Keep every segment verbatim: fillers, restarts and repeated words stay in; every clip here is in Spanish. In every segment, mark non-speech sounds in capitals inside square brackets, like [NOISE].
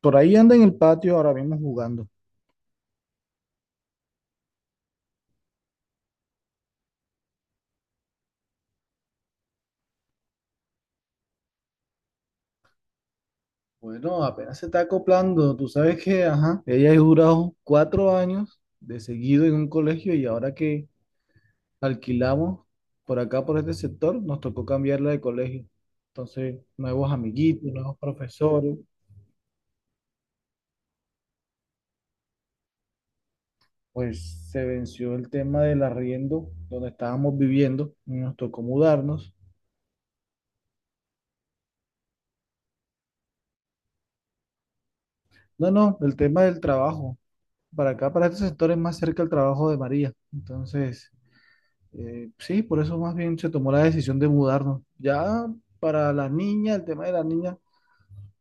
Por ahí anda en el patio ahora mismo jugando. Bueno, apenas se está acoplando. Tú sabes que, ajá, ella ha durado cuatro años de seguido en un colegio y ahora que alquilamos por acá, por este sector, nos tocó cambiarla de colegio. Entonces, nuevos amiguitos, nuevos profesores, pues se venció el tema del arriendo donde estábamos viviendo y nos tocó mudarnos. No, no, el tema del trabajo. Para acá, para este sector es más cerca el trabajo de María. Entonces, Eh, sí, por eso más bien se tomó la decisión de mudarnos. Ya para la niña, el tema de la niña,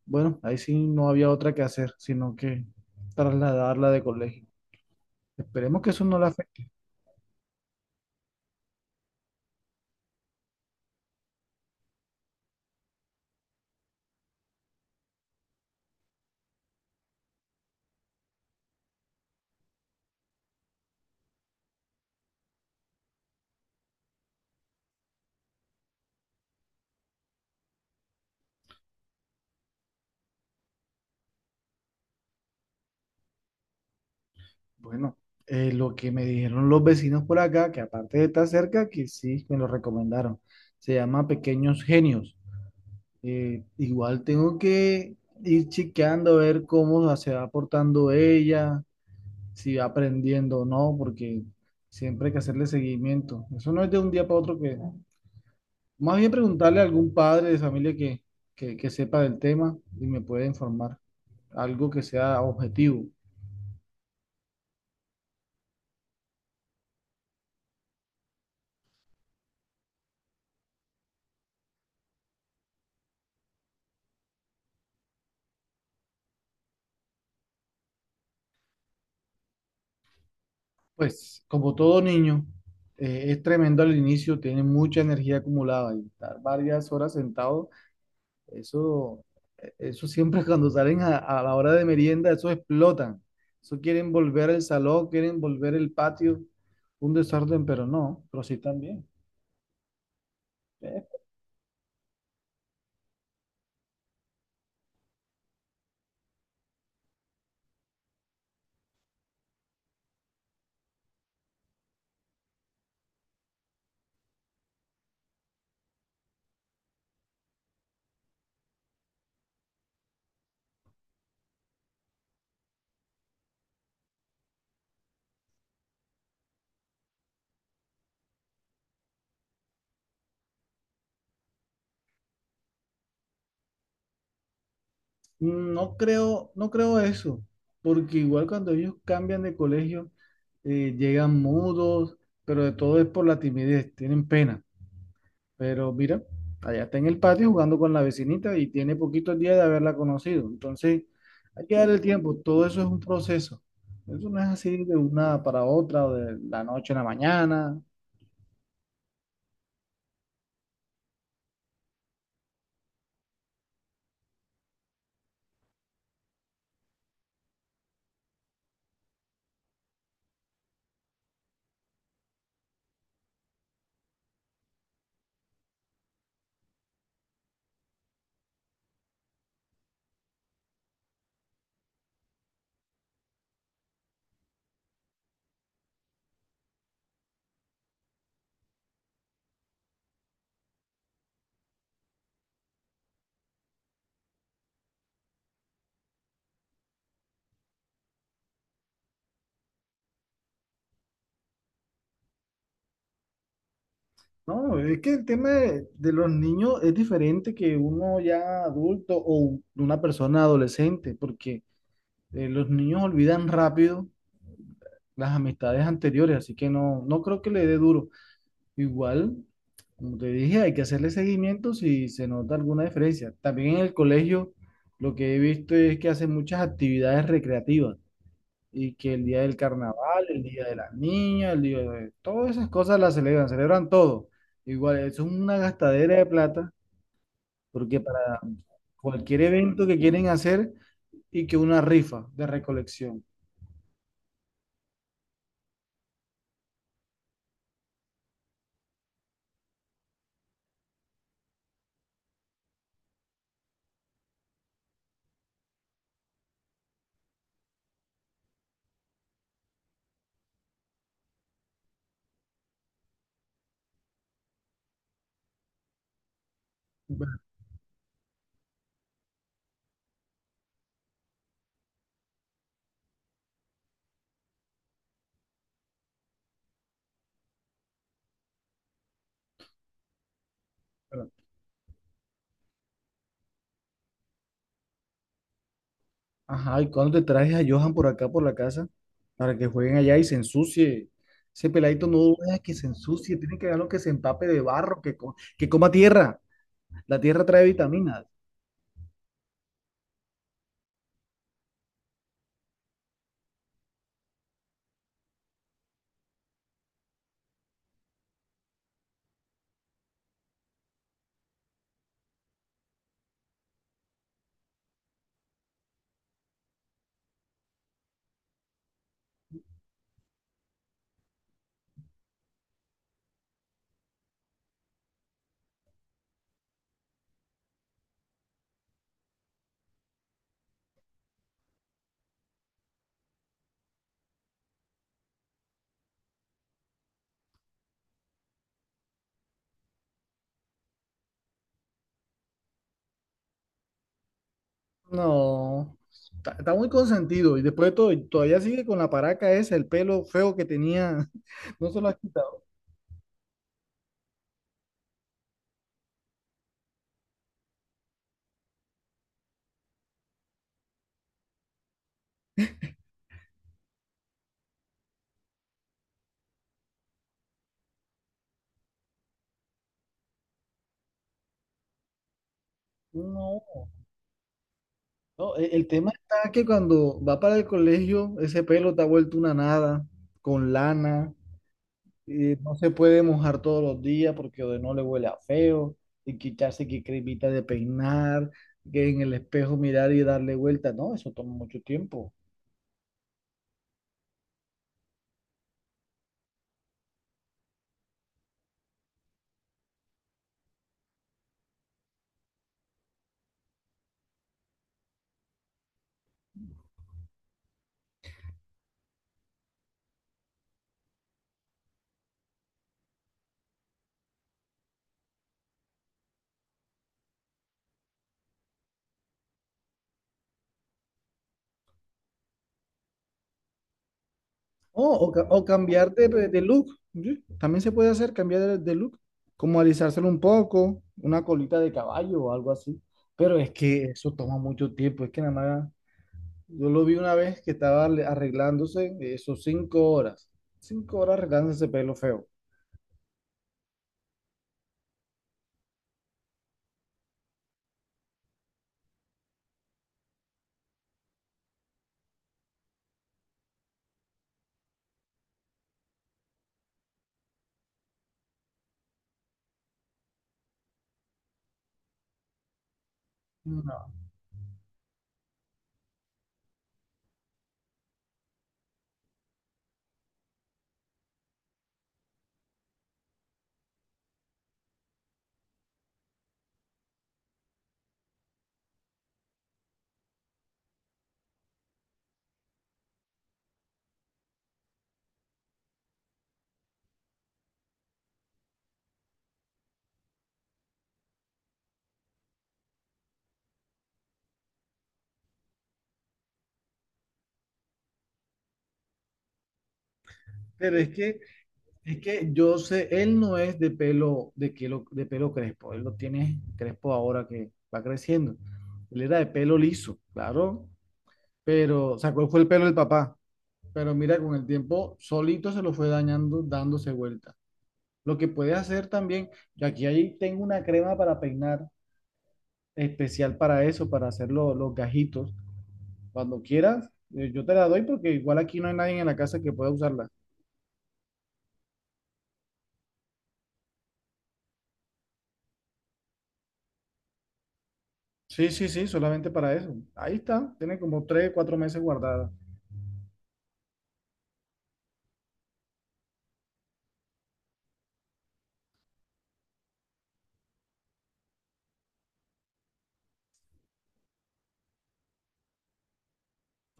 bueno, ahí sí no había otra que hacer, sino que trasladarla de colegio. Esperemos que eso no la afecte. Bueno, eh, lo que me dijeron los vecinos por acá, que aparte de estar cerca, que sí me lo recomendaron. Se llama Pequeños Genios. Eh, igual tengo que ir chequeando a ver cómo se va portando ella, si va aprendiendo o no, porque siempre hay que hacerle seguimiento. Eso no es de un día para otro que... Más bien preguntarle a algún padre de familia que, que, que sepa del tema y me pueda informar. Algo que sea objetivo. Pues como todo niño, eh, es tremendo al inicio, tiene mucha energía acumulada y estar varias horas sentado. Eso, eso siempre [LAUGHS] cuando salen a, a la hora de merienda, eso explotan. Eso quieren volver el salón, quieren volver el patio, un desorden, pero no, pero sí también. Eh, No creo, no creo eso, porque igual cuando ellos cambian de colegio, eh, llegan mudos, pero de todo es por la timidez, tienen pena. Pero mira, allá está en el patio jugando con la vecinita y tiene poquitos días de haberla conocido. Entonces, hay que darle tiempo. Todo eso es un proceso. Eso no es así de una para otra, o de la noche a la mañana. No, es que el tema de, de los niños es diferente que uno ya adulto o un- una persona adolescente, porque eh, los niños olvidan rápido las amistades anteriores, así que no, no creo que le dé duro. Igual, como te dije, hay que hacerle seguimiento si se nota alguna diferencia. También en el colegio lo que he visto es que hacen muchas actividades recreativas y que el día del carnaval, el día de las niñas, el día de todas esas cosas las celebran, celebran todo. Igual, eso es una gastadera de plata porque para cualquier evento que quieren hacer y que una rifa de recolección. Ajá, ¿y cuándo te traes a Johan por acá, por la casa? Para que jueguen allá y se ensucie. Ese peladito no deja que se ensucie, tiene que dejarlo que se empape de barro, que, co- que coma tierra. La tierra trae vitaminas. No, está, está muy consentido. Y después de todo, y todavía sigue con la paraca esa, el pelo feo que tenía. [LAUGHS] No se lo has quitado. No, no, e- el tema está que cuando va para el colegio, ese pelo está vuelto una nada, con lana. Y no se puede mojar todos los días porque de no le huele a feo y quitarse que cremita de peinar, que en el espejo mirar y darle vuelta. No, eso toma mucho tiempo. Oh, o, ca- o cambiar de, de look. ¿Sí? También se puede hacer cambiar de, de look, como alisárselo un poco, una colita de caballo o algo así. Pero es que eso toma mucho tiempo. Es que nada más, yo lo vi una vez que estaba arle- arreglándose, eso cinco horas. Cinco horas arreglándose ese pelo feo. No, pero es que Es que yo sé, él no es de pelo, de pelo, de pelo crespo, él lo tiene crespo ahora que va creciendo. Él era de pelo liso, claro, pero sacó fue el pelo del papá, pero mira, con el tiempo solito se lo fue dañando, dándose vuelta. Lo que puedes hacer también, yo aquí ahí tengo una crema para peinar especial para eso, para hacer lo- los gajitos. Cuando quieras, eh, yo te la doy porque igual aquí no hay nadie en la casa que pueda usarla. Sí, sí, sí, solamente para eso. Ahí está, tiene como tres, cuatro meses guardada.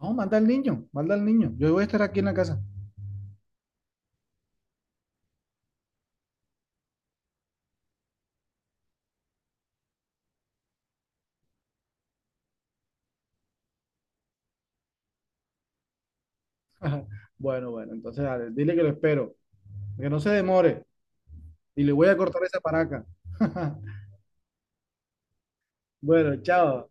No, manda al niño, manda al niño. Yo voy a estar aquí en la casa. [LAUGHS] Bueno, bueno, entonces dale, dile que lo espero. Que no se demore. Y le voy a cortar esa paraca. [LAUGHS] Bueno, chao.